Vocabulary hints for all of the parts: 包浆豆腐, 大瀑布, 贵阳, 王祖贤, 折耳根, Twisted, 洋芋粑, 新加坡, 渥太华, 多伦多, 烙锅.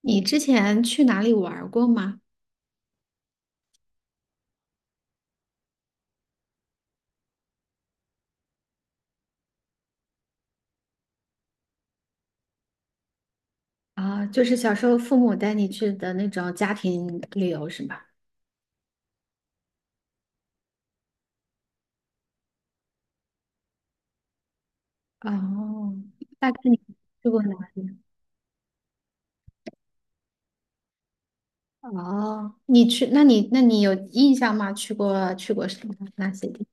你之前去哪里玩儿过吗？啊，就是小时候父母带你去的那种家庭旅游是吧？哦，大概你去过哪里？哦，你去，那你有印象吗？去过什么哪些地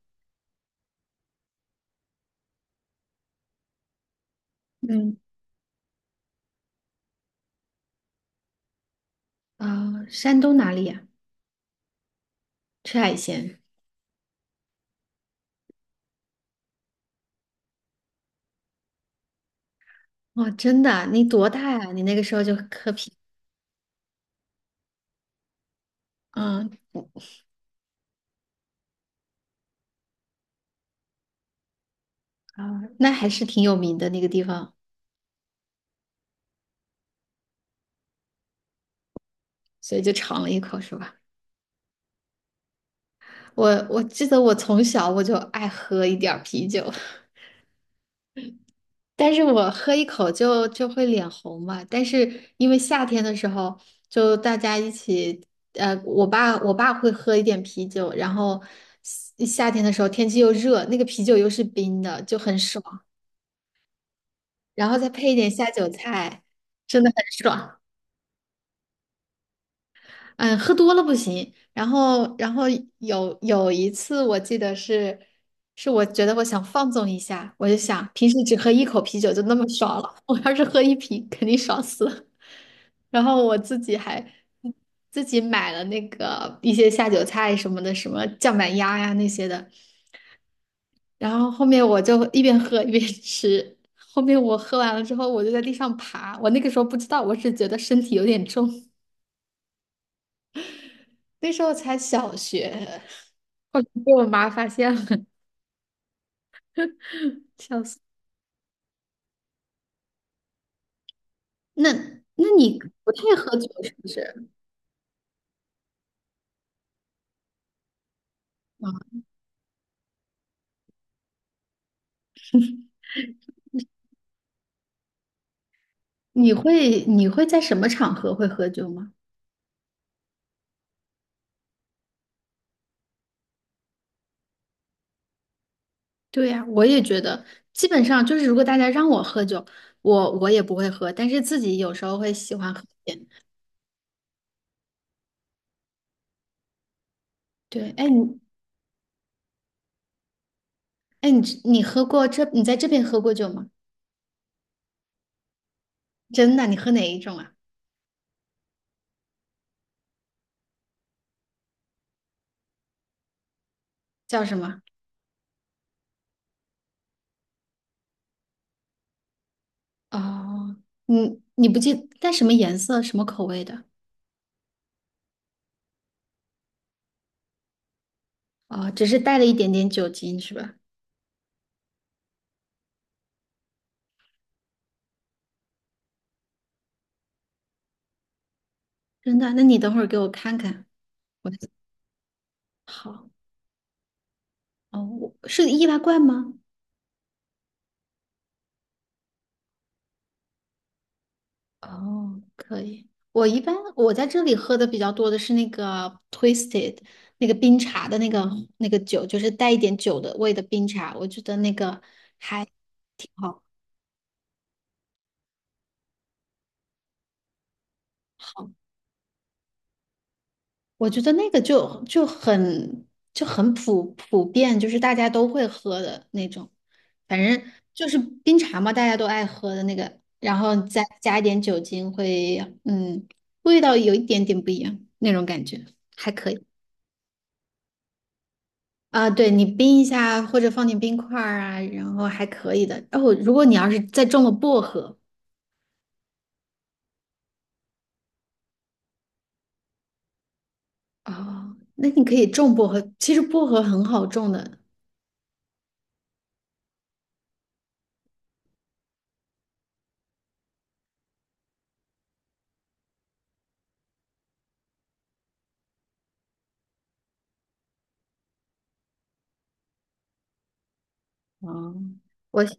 方嗯，啊，哦山东哪里呀、吃海鲜哦，真的啊，你多大呀、你那个时候就喝啤，嗯，啊，那还是挺有名的那个地方，所以就尝了一口，是吧？我记得我从小我就爱喝一点儿啤酒，但是我喝一口就会脸红嘛。但是因为夏天的时候，就大家一起，我爸会喝一点啤酒，然后夏天的时候天气又热，那个啤酒又是冰的，就很爽，然后再配一点下酒菜，真的很爽。嗯，喝多了不行。然后有一次我记得是。是我觉得我想放纵一下，我就想平时只喝一口啤酒就那么爽了，我要是喝一瓶肯定爽死了。然后我自己还自己买了那个一些下酒菜什么的，什么酱板鸭呀那些的。然后后面我就一边喝一边吃。后面我喝完了之后，我就在地上爬。我那个时候不知道，我只觉得身体有点重。那时候才小学，后来被我妈发现了，笑死。那那你不太喝酒是不是？啊，你会在什么场合会喝酒吗？对呀，我也觉得，基本上就是如果大家让我喝酒，我也不会喝，但是自己有时候会喜欢喝一点。对，哎你喝过这你在这边喝过酒吗？真的，你喝哪一种啊？叫什么？哦，你你不记带什么颜色、什么口味的？哦，只是带了一点点酒精是吧？真的，那你等会儿给我看看。我好，哦，我是易拉罐吗？哦，可以。我一般在这里喝的比较多的是那个 Twisted，那个冰茶的那个酒，就是带一点酒的味的冰茶，我觉得那个还挺好。好，我觉得那个就很就很普遍，就是大家都会喝的那种，反正就是冰茶嘛，大家都爱喝的那个，然后再加一点酒精会，嗯，味道有一点点不一样那种感觉，还可以。啊，对，你冰一下或者放点冰块儿啊，然后还可以的。哦，如果你要是再种了薄荷，哦，那你可以种薄荷。其实薄荷很好种的。哦，我想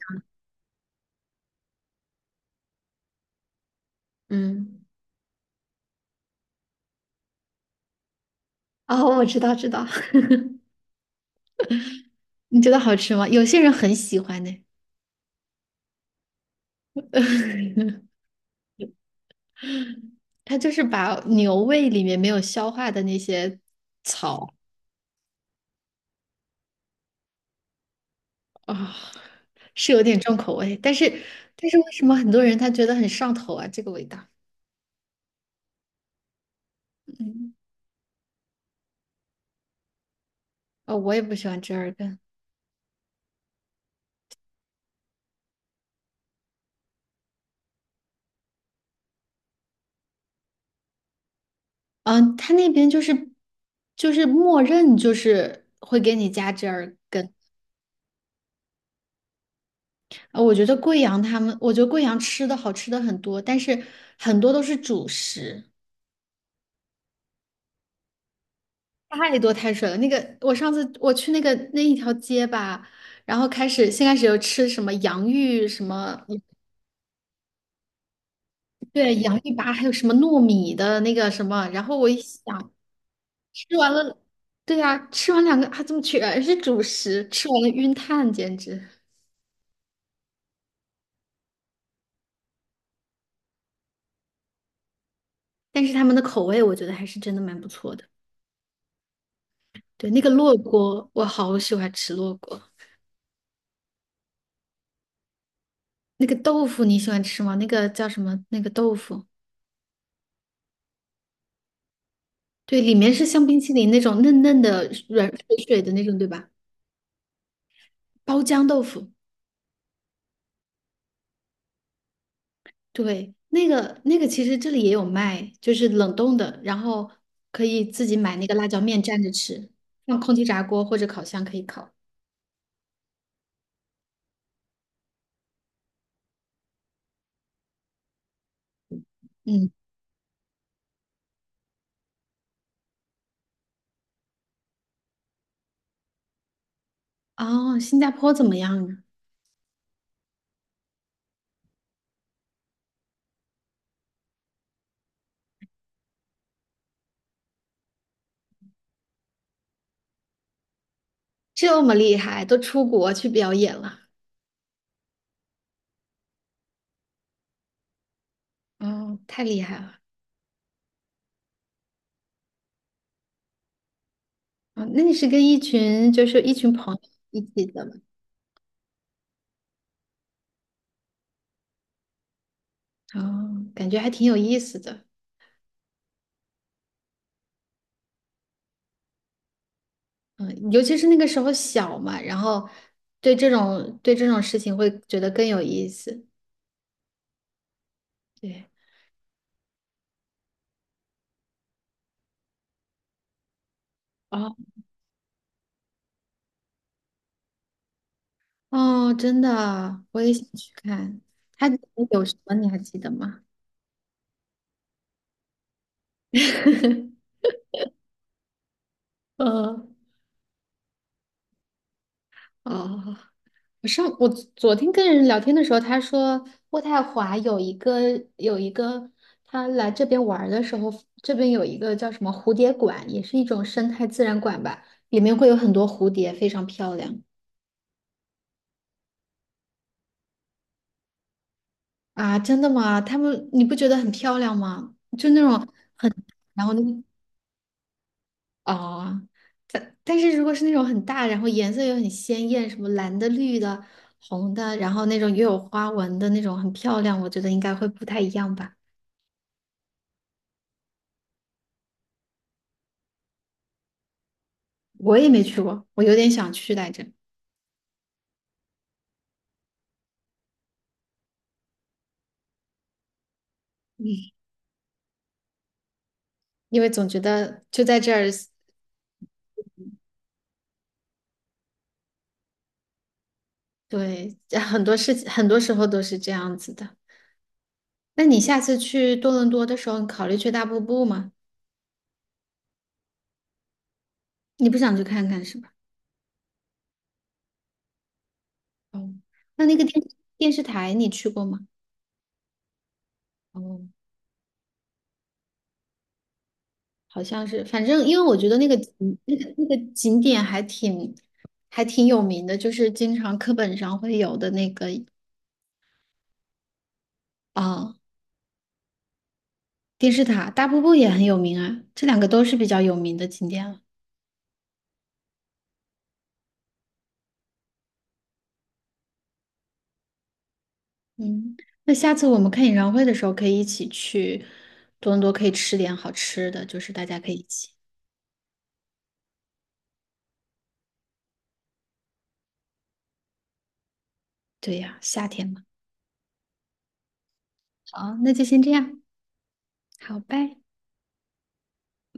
嗯，哦，我知道，知道。你觉得好吃吗？有些人很喜欢呢。他就是把牛胃里面没有消化的那些草啊，是有点重口味。但是，但是为什么很多人他觉得很上头啊？这个味道，嗯，哦，我也不喜欢折耳根。嗯，他那边就是默认就是会给你加折耳根。啊我觉得贵阳他们，我觉得贵阳吃的好吃的很多，但是很多都是主食，太多碳水了。那个我上次我去那个那一条街吧，然后先开始有吃什么洋芋什么，对，洋芋粑，还有什么糯米的那个什么，然后我一想，吃完了，对呀、吃完两个还怎么全是主食，吃完了晕碳，简直。但是他们的口味我觉得还是真的蛮不错的。对，那个烙锅我好喜欢吃烙锅。那个豆腐你喜欢吃吗？那个叫什么？那个豆腐，对，里面是像冰淇淋那种嫩嫩的、软水水的那种，对吧？包浆豆腐，对，那个其实这里也有卖，就是冷冻的，然后可以自己买那个辣椒面蘸着吃，用空气炸锅或者烤箱可以烤。嗯，哦，新加坡怎么样啊？这么厉害，都出国去表演了。哦，太厉害了。哦，那你是跟一群就是一群朋友一起的吗？哦，感觉还挺有意思的。嗯，尤其是那个时候小嘛，然后对这种事情会觉得更有意思。对，哦哦，真的啊，我也想去看。他有什么你还记得吗？嗯，哦。我上我昨天跟人聊天的时候，他说渥太华有一个，他来这边玩儿的时候，这边有一个叫什么蝴蝶馆，也是一种生态自然馆吧，里面会有很多蝴蝶，非常漂亮啊！真的吗？他们你不觉得很漂亮吗？就那种，然后那个啊，但但是如果是那种很大，然后颜色又很鲜艳，什么蓝的、绿的、红的，然后那种又有花纹的那种，很漂亮，我觉得应该会不太一样吧。我也没去过，我有点想去来着，嗯，因为总觉得就在这儿，对，很多事情很多时候都是这样子的。那你下次去多伦多的时候，你考虑去大瀑布吗？你不想去看看是吧？哦，那那个电电视台你去过吗？哦，好像是，反正因为我觉得那个景那个景点还挺有名的，就是经常课本上会有的那个啊、电视塔，大瀑布也很有名啊，这两个都是比较有名的景点了。嗯，那下次我们看演唱会的时候，可以一起去多伦多，可以吃点好吃的，就是大家可以一起。对呀，夏天嘛。好，那就先这样，好，拜。